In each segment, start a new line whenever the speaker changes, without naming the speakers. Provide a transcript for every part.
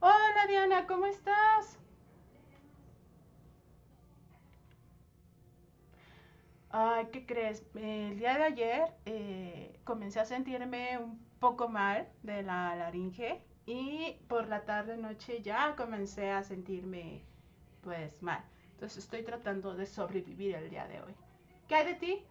Hola Diana, ¿cómo estás? Ay, ¿qué crees? El día de ayer comencé a sentirme un poco mal de la laringe y por la tarde noche ya comencé a sentirme pues mal. Entonces estoy tratando de sobrevivir el día de hoy. ¿Qué hay de ti?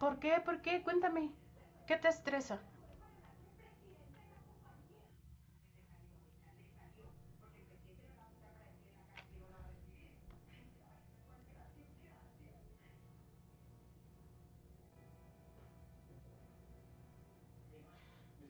¿Por qué? ¿Por qué? Cuéntame. ¿Qué te estresa?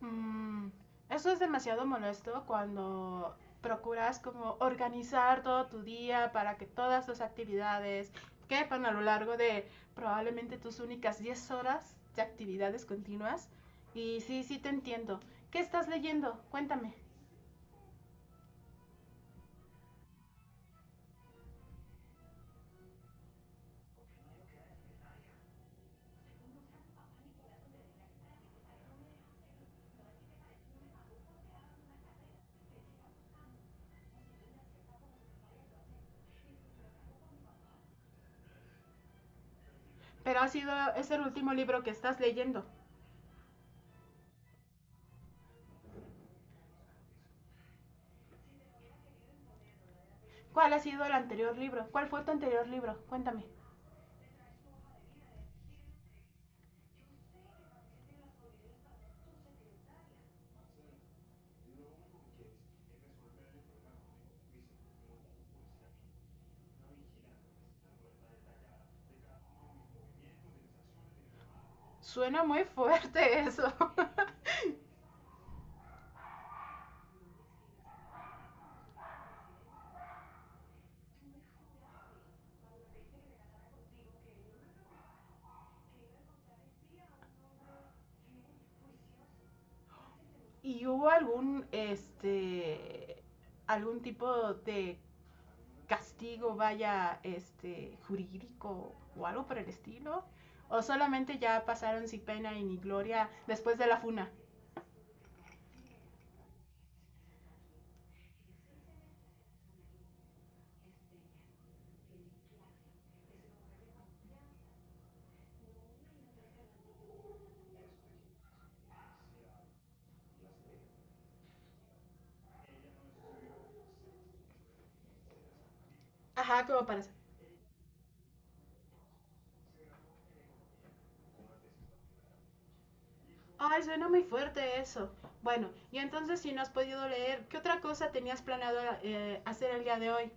Mm, eso es demasiado molesto cuando procuras como organizar todo tu día para que todas tus actividades quepan a lo largo de probablemente tus únicas 10 horas de actividades continuas. Y sí, sí te entiendo. ¿Qué estás leyendo? Cuéntame. Pero ha sido, es el último libro que estás leyendo. ¿Cuál ha sido el anterior libro? ¿Cuál fue tu anterior libro? Cuéntame. Suena muy fuerte eso. ¿Y hubo algún, este, algún tipo de castigo, vaya, este, jurídico o algo por el estilo? ¿O solamente ya pasaron sin pena y ni gloria después de la funa? Ajá, como parece. Ay, suena muy fuerte eso. Bueno, y entonces si no has podido leer, ¿qué otra cosa tenías planeado hacer el día de hoy?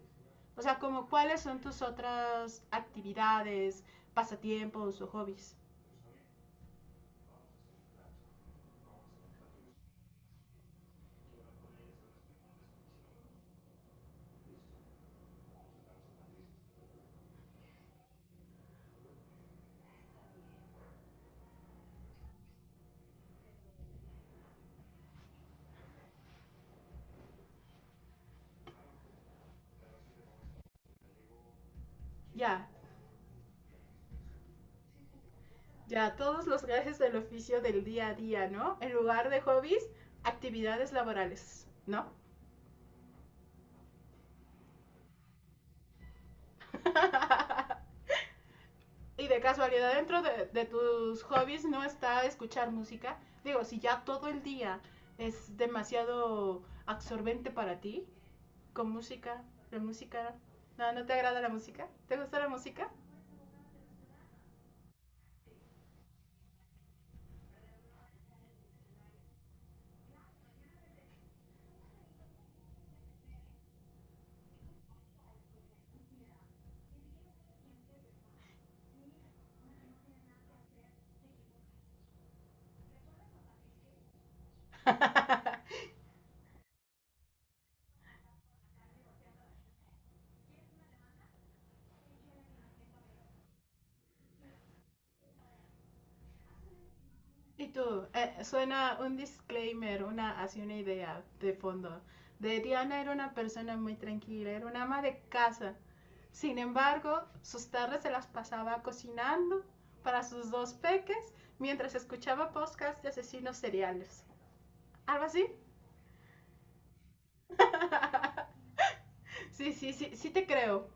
O sea, como cuáles son tus otras actividades, pasatiempos o hobbies. Ya, ya, todos los gajes del oficio del día a día, ¿no? En lugar de hobbies, actividades laborales, ¿no? Y de casualidad dentro de tus hobbies no está escuchar música. Digo, si ya todo el día es demasiado absorbente para ti, con música, la música... No, ¿no te agrada la música? ¿Te gusta la música? Y tú, suena un disclaimer, una, así una idea de fondo. De Diana era una persona muy tranquila, era una ama de casa. Sin embargo, sus tardes se las pasaba cocinando para sus dos peques mientras escuchaba podcasts de asesinos seriales. ¿Algo así? Sí, sí, sí, sí te creo.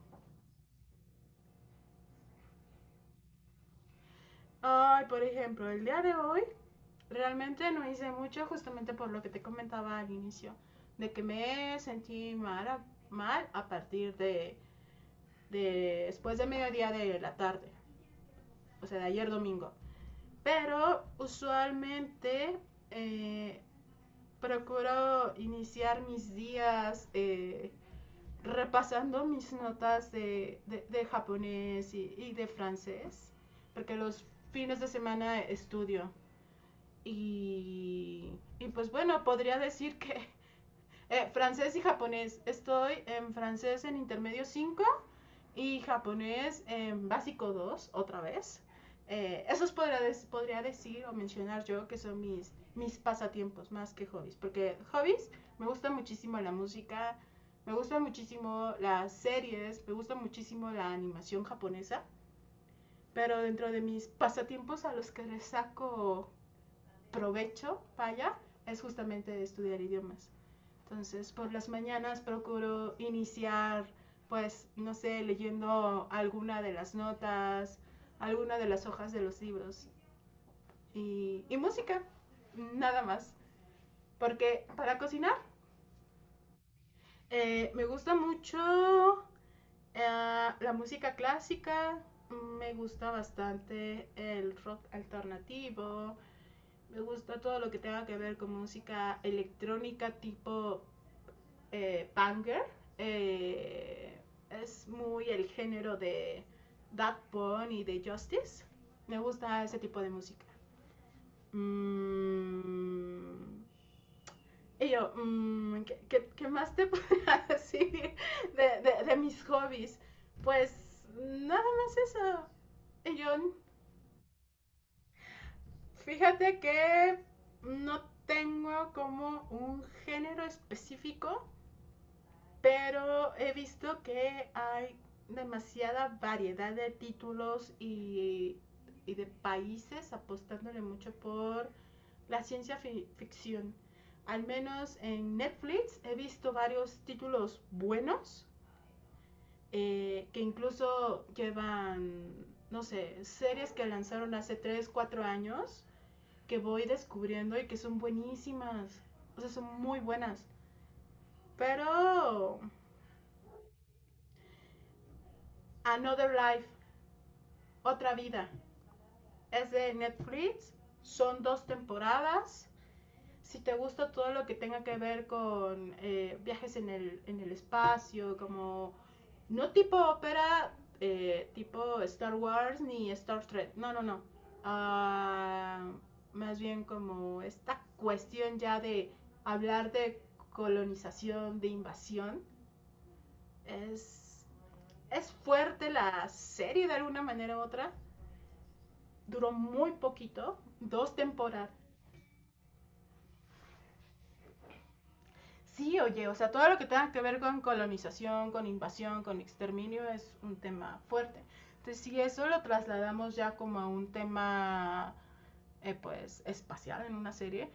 Ay, por ejemplo, el día de hoy realmente no hice mucho justamente por lo que te comentaba al inicio, de que me sentí mal a, mal a partir de después de mediodía de la tarde, o sea, de ayer domingo. Pero usualmente eh, procuro iniciar mis días repasando mis notas de japonés y, de francés, porque los fines de semana estudio. Y, y pues bueno, podría decir que francés y japonés. Estoy en francés en intermedio 5 y japonés en básico 2 otra vez. Esos podría, podría decir o mencionar yo que son mis, mis pasatiempos más que hobbies, porque hobbies me gusta muchísimo la música, me gusta muchísimo las series, me gusta muchísimo la animación japonesa, pero dentro de mis pasatiempos a los que les saco provecho, vaya, es justamente estudiar idiomas. Entonces, por las mañanas procuro iniciar, pues, no sé, leyendo alguna de las notas, alguna de las hojas de los libros y música, nada más. Porque para cocinar me gusta mucho la música clásica, me gusta bastante el rock alternativo, me gusta todo lo que tenga que ver con música electrónica tipo banger. eh, es muy el género de That Bunny y de Justice. Me gusta ese tipo de música. Mm, y yo, mm, ¿qué, qué, qué más te podría decir de, de mis hobbies? Pues nada más eso. Y yo, fíjate que no tengo como un género específico. Pero he visto que hay demasiada variedad de títulos y de países apostándole mucho por la ciencia ficción. Al menos en Netflix he visto varios títulos buenos que incluso llevan, no sé, series que lanzaron hace 3, 4 años que voy descubriendo y que son buenísimas. O sea, son muy buenas. Pero Another Life, Otra Vida. Es de Netflix, son 2 temporadas. Si te gusta todo lo que tenga que ver con viajes en el espacio, como no tipo ópera, tipo Star Wars ni Star Trek, no, no, no. Ah, más bien como esta cuestión ya de hablar de colonización, de invasión. Es, es fuerte la serie de alguna manera u otra, duró muy poquito, 2 temporadas. Sí, oye, o sea, todo lo que tenga que ver con colonización, con invasión, con exterminio es un tema fuerte. Entonces, si eso lo trasladamos ya como a un tema, pues, espacial en una serie,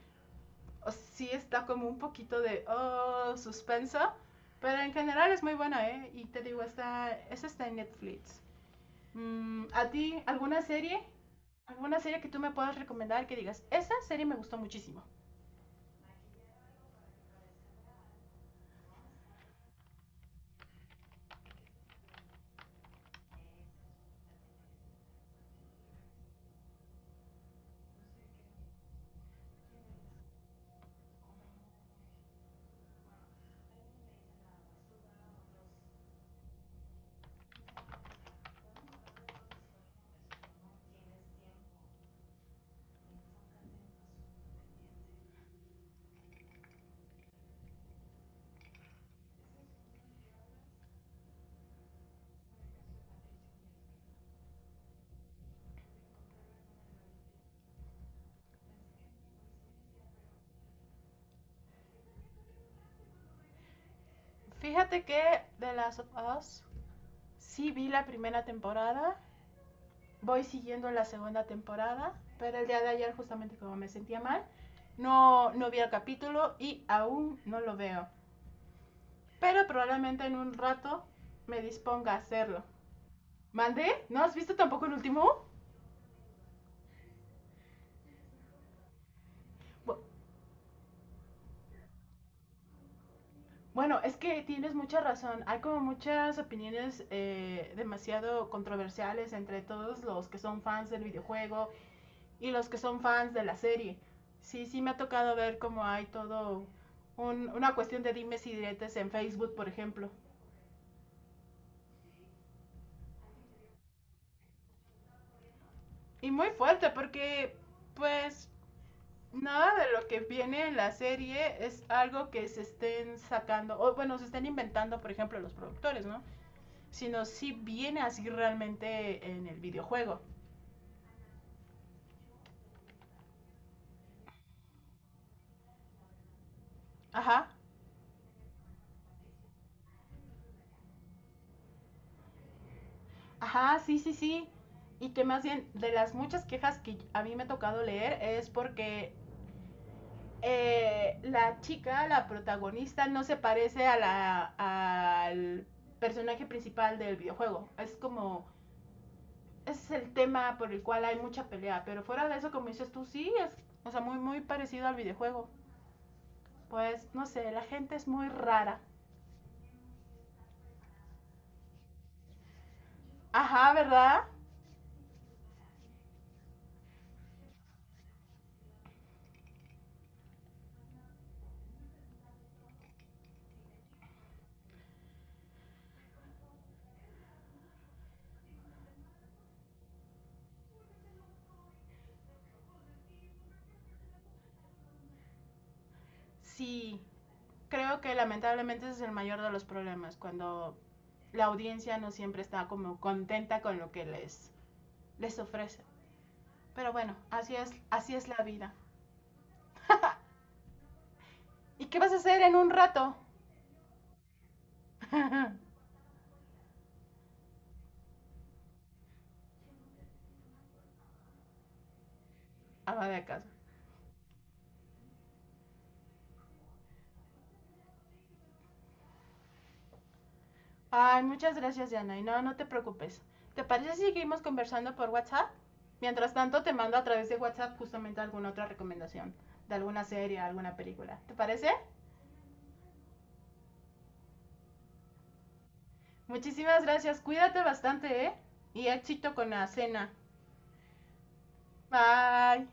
o sea, sí está como un poquito de, oh, suspenso, pero en general es muy buena, ¿eh? Y te digo, está, esa está en Netflix. Mm, ¿a ti alguna serie? ¿Alguna serie que tú me puedas recomendar que digas, esa serie me gustó muchísimo? Fíjate que The Last of Us sí vi la primera temporada, voy siguiendo la segunda temporada, pero el día de ayer justamente como me sentía mal, no, no vi el capítulo y aún no lo veo. Pero probablemente en un rato me disponga a hacerlo. ¿Mandé? ¿No has visto tampoco el último? Bueno, es que tienes mucha razón. Hay como muchas opiniones demasiado controversiales entre todos los que son fans del videojuego y los que son fans de la serie. Sí, sí me ha tocado ver cómo hay todo una cuestión de dimes y diretes en Facebook, por ejemplo. Y muy fuerte porque, pues, nada de lo que viene en la serie es algo que se estén sacando, o bueno, se estén inventando, por ejemplo, los productores, ¿no? Sino si viene así realmente en el videojuego. Ajá, ajá, sí, sí, sí. Y que más bien de las muchas quejas que a mí me ha tocado leer es porque la chica, la protagonista, no se parece a la, a, al personaje principal del videojuego. Es como, ese es el tema por el cual hay mucha pelea. Pero fuera de eso, como dices tú, sí, es, o sea, muy, muy parecido al videojuego. Pues, no sé, la gente es muy rara. Ajá, ¿verdad? Sí, creo que lamentablemente ese es el mayor de los problemas, cuando la audiencia no siempre está como contenta con lo que les ofrece. Pero bueno, así es la vida. ¿Y qué vas a hacer en un rato? Ama de casa. Ay, muchas gracias, Diana. Y no, no te preocupes. ¿Te parece si seguimos conversando por WhatsApp? Mientras tanto, te mando a través de WhatsApp justamente alguna otra recomendación de alguna serie, alguna película. ¿Te parece? Muchísimas gracias. Cuídate bastante, ¿eh? Y éxito con la cena. Bye.